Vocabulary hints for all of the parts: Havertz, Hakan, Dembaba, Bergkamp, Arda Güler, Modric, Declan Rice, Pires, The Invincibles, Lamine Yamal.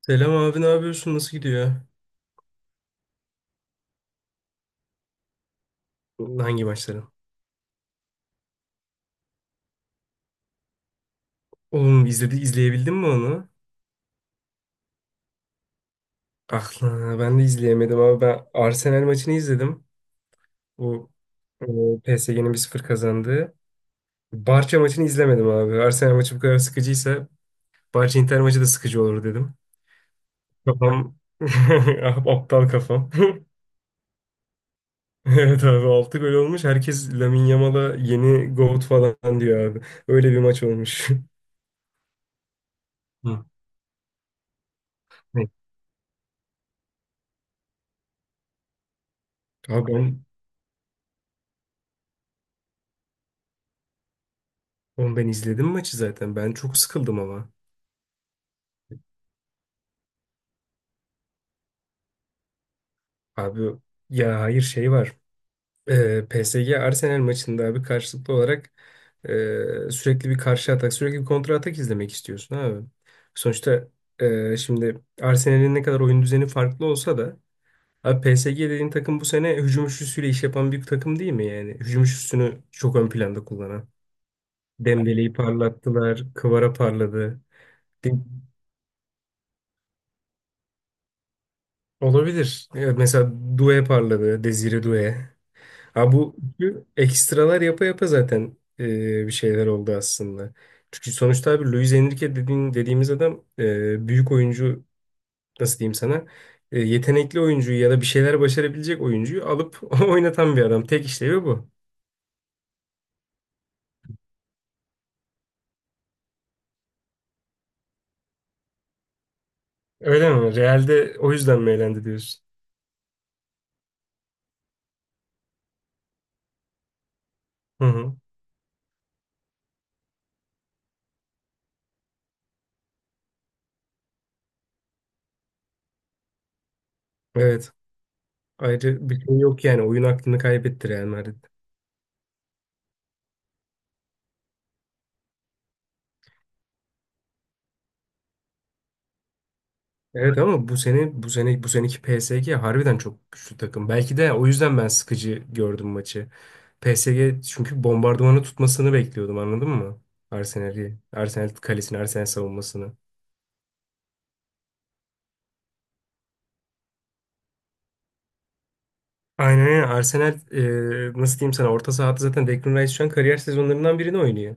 Selam abi ne yapıyorsun? Nasıl gidiyor? Hangi maçları? Oğlum izledi, izleyebildin mi onu? Ah lan, ben de izleyemedim ama ben Arsenal maçını izledim. Bu PSG'nin 1-0 kazandığı. Barça maçını izlemedim abi. Arsenal maçı bu kadar sıkıcıysa Barça Inter maçı da sıkıcı olur dedim. Kafam Ah, aptal kafam. Evet abi 6 gol olmuş. Herkes Lamine Yamal'a yeni GOAT falan diyor abi. Öyle bir maç olmuş. Hı. Abi ben Oğlum ben izledim maçı zaten. Ben çok sıkıldım ama. Abi ya hayır şey var. PSG Arsenal maçında abi karşılıklı olarak sürekli bir karşı atak, sürekli bir kontra atak izlemek istiyorsun abi. Sonuçta şimdi Arsenal'in ne kadar oyun düzeni farklı olsa da abi PSG dediğin takım bu sene hücum üçlüsüyle iş yapan bir takım değil mi yani? Hücum üçlüsünü çok ön planda kullanan. Dembele'yi parlattılar, Kvara parladı. De- Olabilir. Evet, mesela Doué parladı, Desire Doué. Ha bu ekstralar yapa yapa zaten bir şeyler oldu aslında. Çünkü sonuçta abi Luis Enrique dediğin, dediğimiz adam büyük oyuncu nasıl diyeyim sana yetenekli oyuncuyu ya da bir şeyler başarabilecek oyuncuyu alıp oynatan bir adam. Tek işlevi bu. Öyle mi? Real'de o yüzden mi eğlendi diyorsun? Hı hı. Evet. Ayrı bir şey yok yani. Oyun aklını kaybetti Real Madrid. Evet ama bu seneki PSG harbiden çok güçlü takım. Belki de o yüzden ben sıkıcı gördüm maçı. PSG çünkü bombardımanı tutmasını bekliyordum anladın mı? Arsenal'i, Arsenal kalesini, Arsenal savunmasını. Aynen öyle. Arsenal nasıl diyeyim sana orta sahada zaten Declan Rice şu an kariyer sezonlarından birini oynuyor.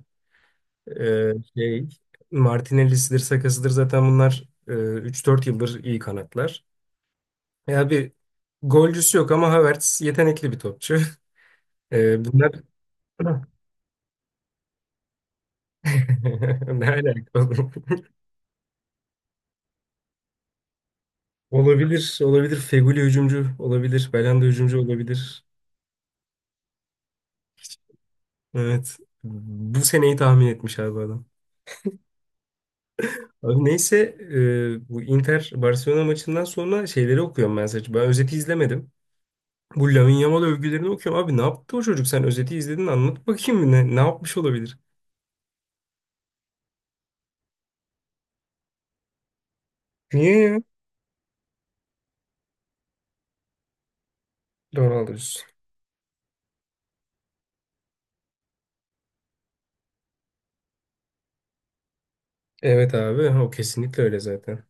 E, şey Martinelli'sidir, Saka'sıdır zaten bunlar 3-4 yıldır iyi kanatlar. Ya bir golcüsü yok ama Havertz yetenekli bir topçu. E, bunlar Ne alaka oğlum? Olabilir, olabilir. Feguli hücumcu olabilir. Belhanda hücumcu olabilir. Evet. Bu seneyi tahmin etmiş abi adam. Abi neyse bu Inter Barcelona maçından sonra şeyleri okuyorum ben sadece. Ben özeti izlemedim. Bu Lamine Yamal övgülerini okuyorum. Abi ne yaptı o çocuk? Sen özeti izledin anlat bakayım ne yapmış olabilir? Niye ya? Doğru alıyorsun. Evet abi o kesinlikle öyle zaten.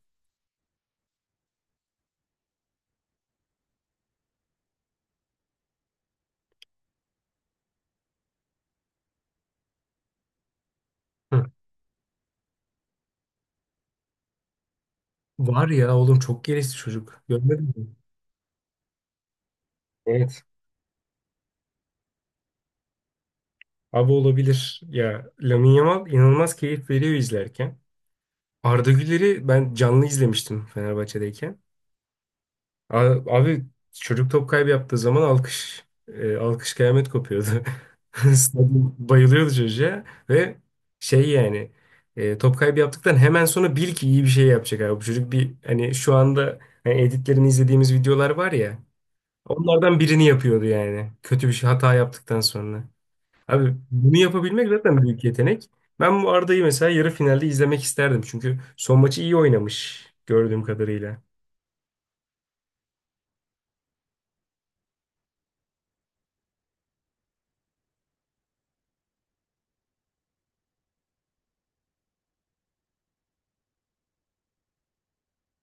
Hı. Var ya oğlum çok gelişti çocuk. Görmedin mi? Evet. Abi olabilir. Ya Lamine Yamal inanılmaz keyif veriyor izlerken. Arda Güler'i ben canlı izlemiştim Fenerbahçe'deyken. A- Abi çocuk top kaybı yaptığı zaman alkış kıyamet kopuyordu. Stadyum bayılıyordu çocuğa ve şey yani top kaybı yaptıktan hemen sonra bil ki iyi bir şey yapacak abi. Bu çocuk bir hani şu anda hani editlerini izlediğimiz videolar var ya onlardan birini yapıyordu yani. Kötü bir şey hata yaptıktan sonra. Abi bunu yapabilmek zaten büyük yetenek. Ben bu Arda'yı mesela yarı finalde izlemek isterdim. Çünkü son maçı iyi oynamış gördüğüm kadarıyla.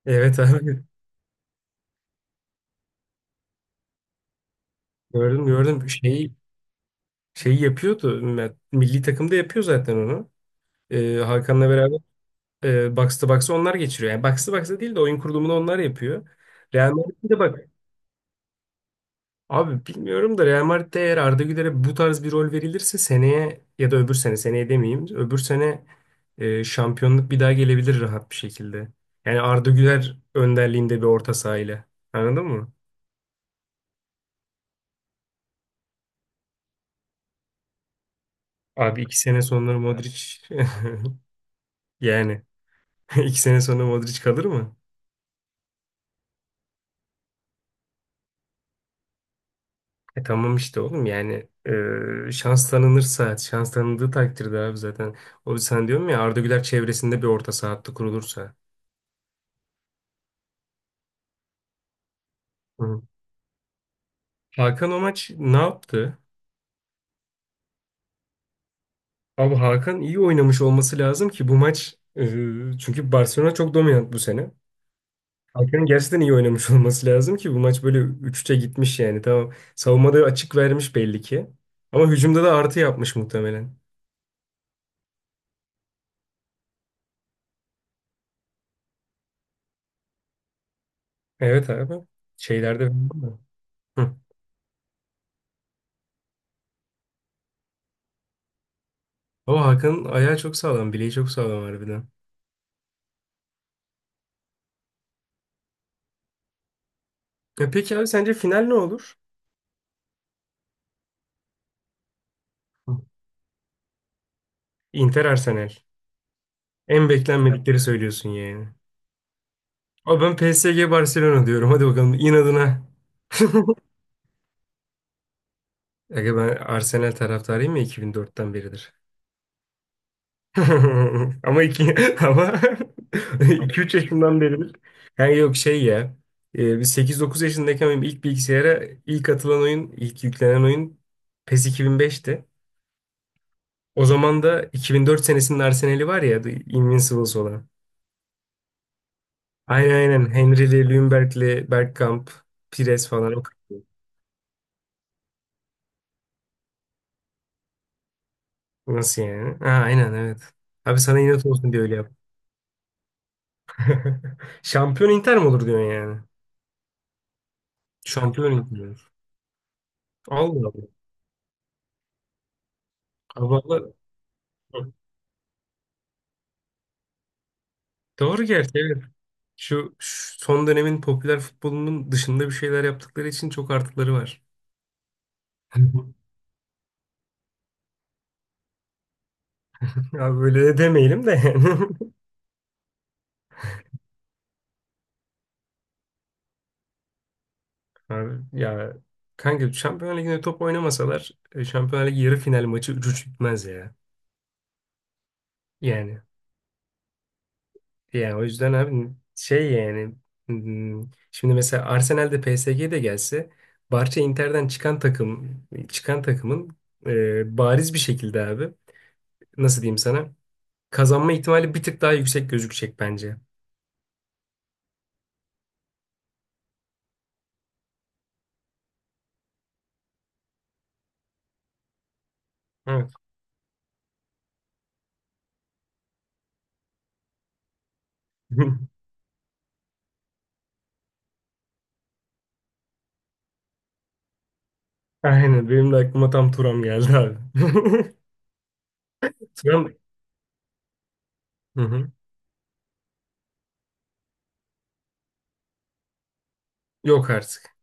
Evet abi gördüm gördüm. Şey, şeyi yapıyordu. Milli takımda yapıyor zaten onu. Hakan'la beraber box to box'ı onlar geçiriyor. Yani box to box'ı değil de oyun kurulumunu onlar yapıyor. Real Madrid'de bak. Abi bilmiyorum da Real Madrid'de eğer Arda Güler'e bu tarz bir rol verilirse seneye ya da öbür sene seneye demeyeyim öbür sene şampiyonluk bir daha gelebilir rahat bir şekilde. Yani Arda Güler önderliğinde bir orta sahayla. Anladın mı? Abi iki sene sonra Modric yani iki sene sonra Modric kalır mı? Tamam işte oğlum yani şans tanınırsa şans tanındığı takdirde abi zaten. O sen diyorum ya Arda Güler çevresinde bir orta saha hattı kurulursa. Hı. Hakan o maç ne yaptı? Abi Hakan iyi oynamış olması lazım ki bu maç çünkü Barcelona çok dominant bu sene. Hakan'ın gerçekten iyi oynamış olması lazım ki bu maç böyle 3-3'e gitmiş yani. Tamam savunmada açık vermiş belli ki. Ama hücumda da artı yapmış muhtemelen. Evet abi. Şeylerde Hı. Ama Hakan'ın ayağı çok sağlam, bileği çok sağlam harbiden. Ya peki abi sence final ne olur? Hı. Inter Arsenal. En beklenmedikleri söylüyorsun yani. Abi ben PSG Barcelona diyorum. Hadi bakalım inadına. Aga ben Arsenal taraftarıyım ya 2004'ten beridir. Ama iki ama 2-3 yaşından beridir. Yani yok şey ya. Biz 8-9 yaşındayken benim ilk bilgisayara ilk atılan oyun, ilk yüklenen oyun PES 2005'ti. O zaman da 2004 senesinin Arsenal'i var ya The Invincibles olan. Aynen aynen. Henry'li, Ljungberg'li, Bergkamp, Pires falan. O kadar. Nasıl yani? Ha, aynen evet. Abi sana inat olsun diye öyle yap. Şampiyon Inter mi olur diyorsun yani? Şampiyon yapıyor. Allah Allah. Havalı. Doğru gerçi evet. Şu son dönemin popüler futbolunun dışında bir şeyler yaptıkları için çok artıları var. Ya böyle de demeyelim de yani. Abi, ya kanka Şampiyon Ligi'nde top oynamasalar Şampiyon Ligi yarı final maçı 3-3 bitmez ya. Yani. Yani o yüzden abi şey yani şimdi mesela Arsenal'de PSG'de gelse Barça Inter'den çıkan takımın bariz bir şekilde abi nasıl diyeyim sana? Kazanma ihtimali bir tık daha yüksek gözükecek bence. Evet. Aynen benim de aklıma tam Turam geldi abi. Turam hı hı. Yok artık.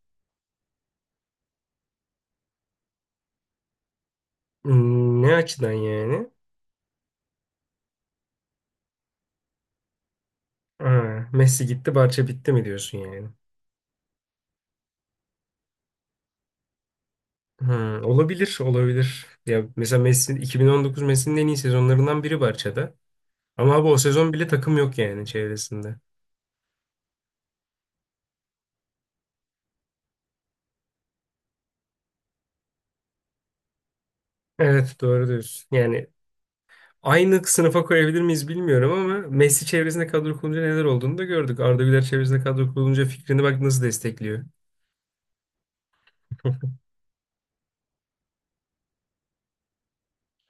Ne açıdan yani? Ha, Messi gitti, Barça bitti mi diyorsun yani? Hı, olabilir, olabilir. Ya mesela Messi 2019 Messi'nin en iyi sezonlarından biri Barça'da. Ama abi o sezon bile takım yok yani çevresinde. Evet doğru diyorsun. Yani aynı sınıfa koyabilir miyiz bilmiyorum ama Messi çevresinde kadro kurulunca neler olduğunu da gördük. Arda Güler çevresinde kadro kurulunca fikrini bak nasıl destekliyor.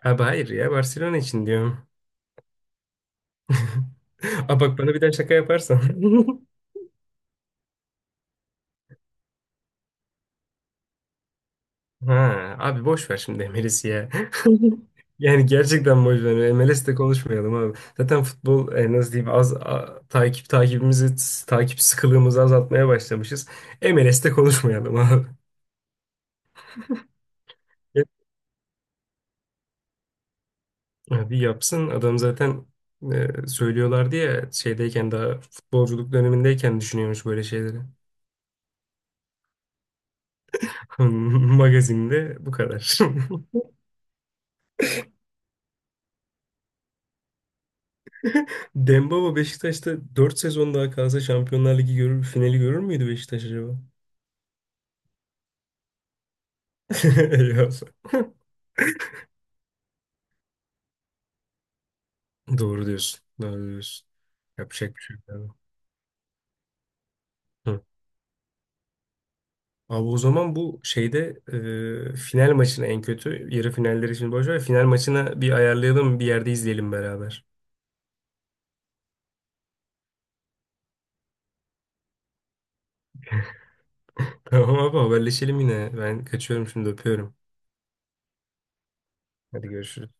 Abi hayır ya Barcelona için diyorum. Aa bak bana bir daha şaka yaparsan. Ha abi boş ver şimdi MLS'i ya. Yani gerçekten boş ver. MLS'te konuşmayalım abi. Zaten futbol nasıl diyeyim az takip sıkılığımızı azaltmaya başlamışız. MLS'te konuşmayalım abi. Ya bir yapsın adam zaten söylüyorlardı ya şeydeyken daha futbolculuk dönemindeyken düşünüyormuş böyle şeyleri. Magazinde bu kadar. Dembaba Beşiktaş'ta dört sezon daha kalsa Şampiyonlar Ligi görür, finali görür müydü Beşiktaş acaba? Eyvah. Doğru diyorsun. Doğru diyorsun. Yapacak bir şey yok abi. Hı. Abi o zaman bu şeyde final maçına en kötü yarı finalleri için boş ver. Final maçına bir ayarlayalım bir yerde izleyelim beraber. Tamam abi haberleşelim yine. Ben kaçıyorum şimdi öpüyorum. Hadi görüşürüz.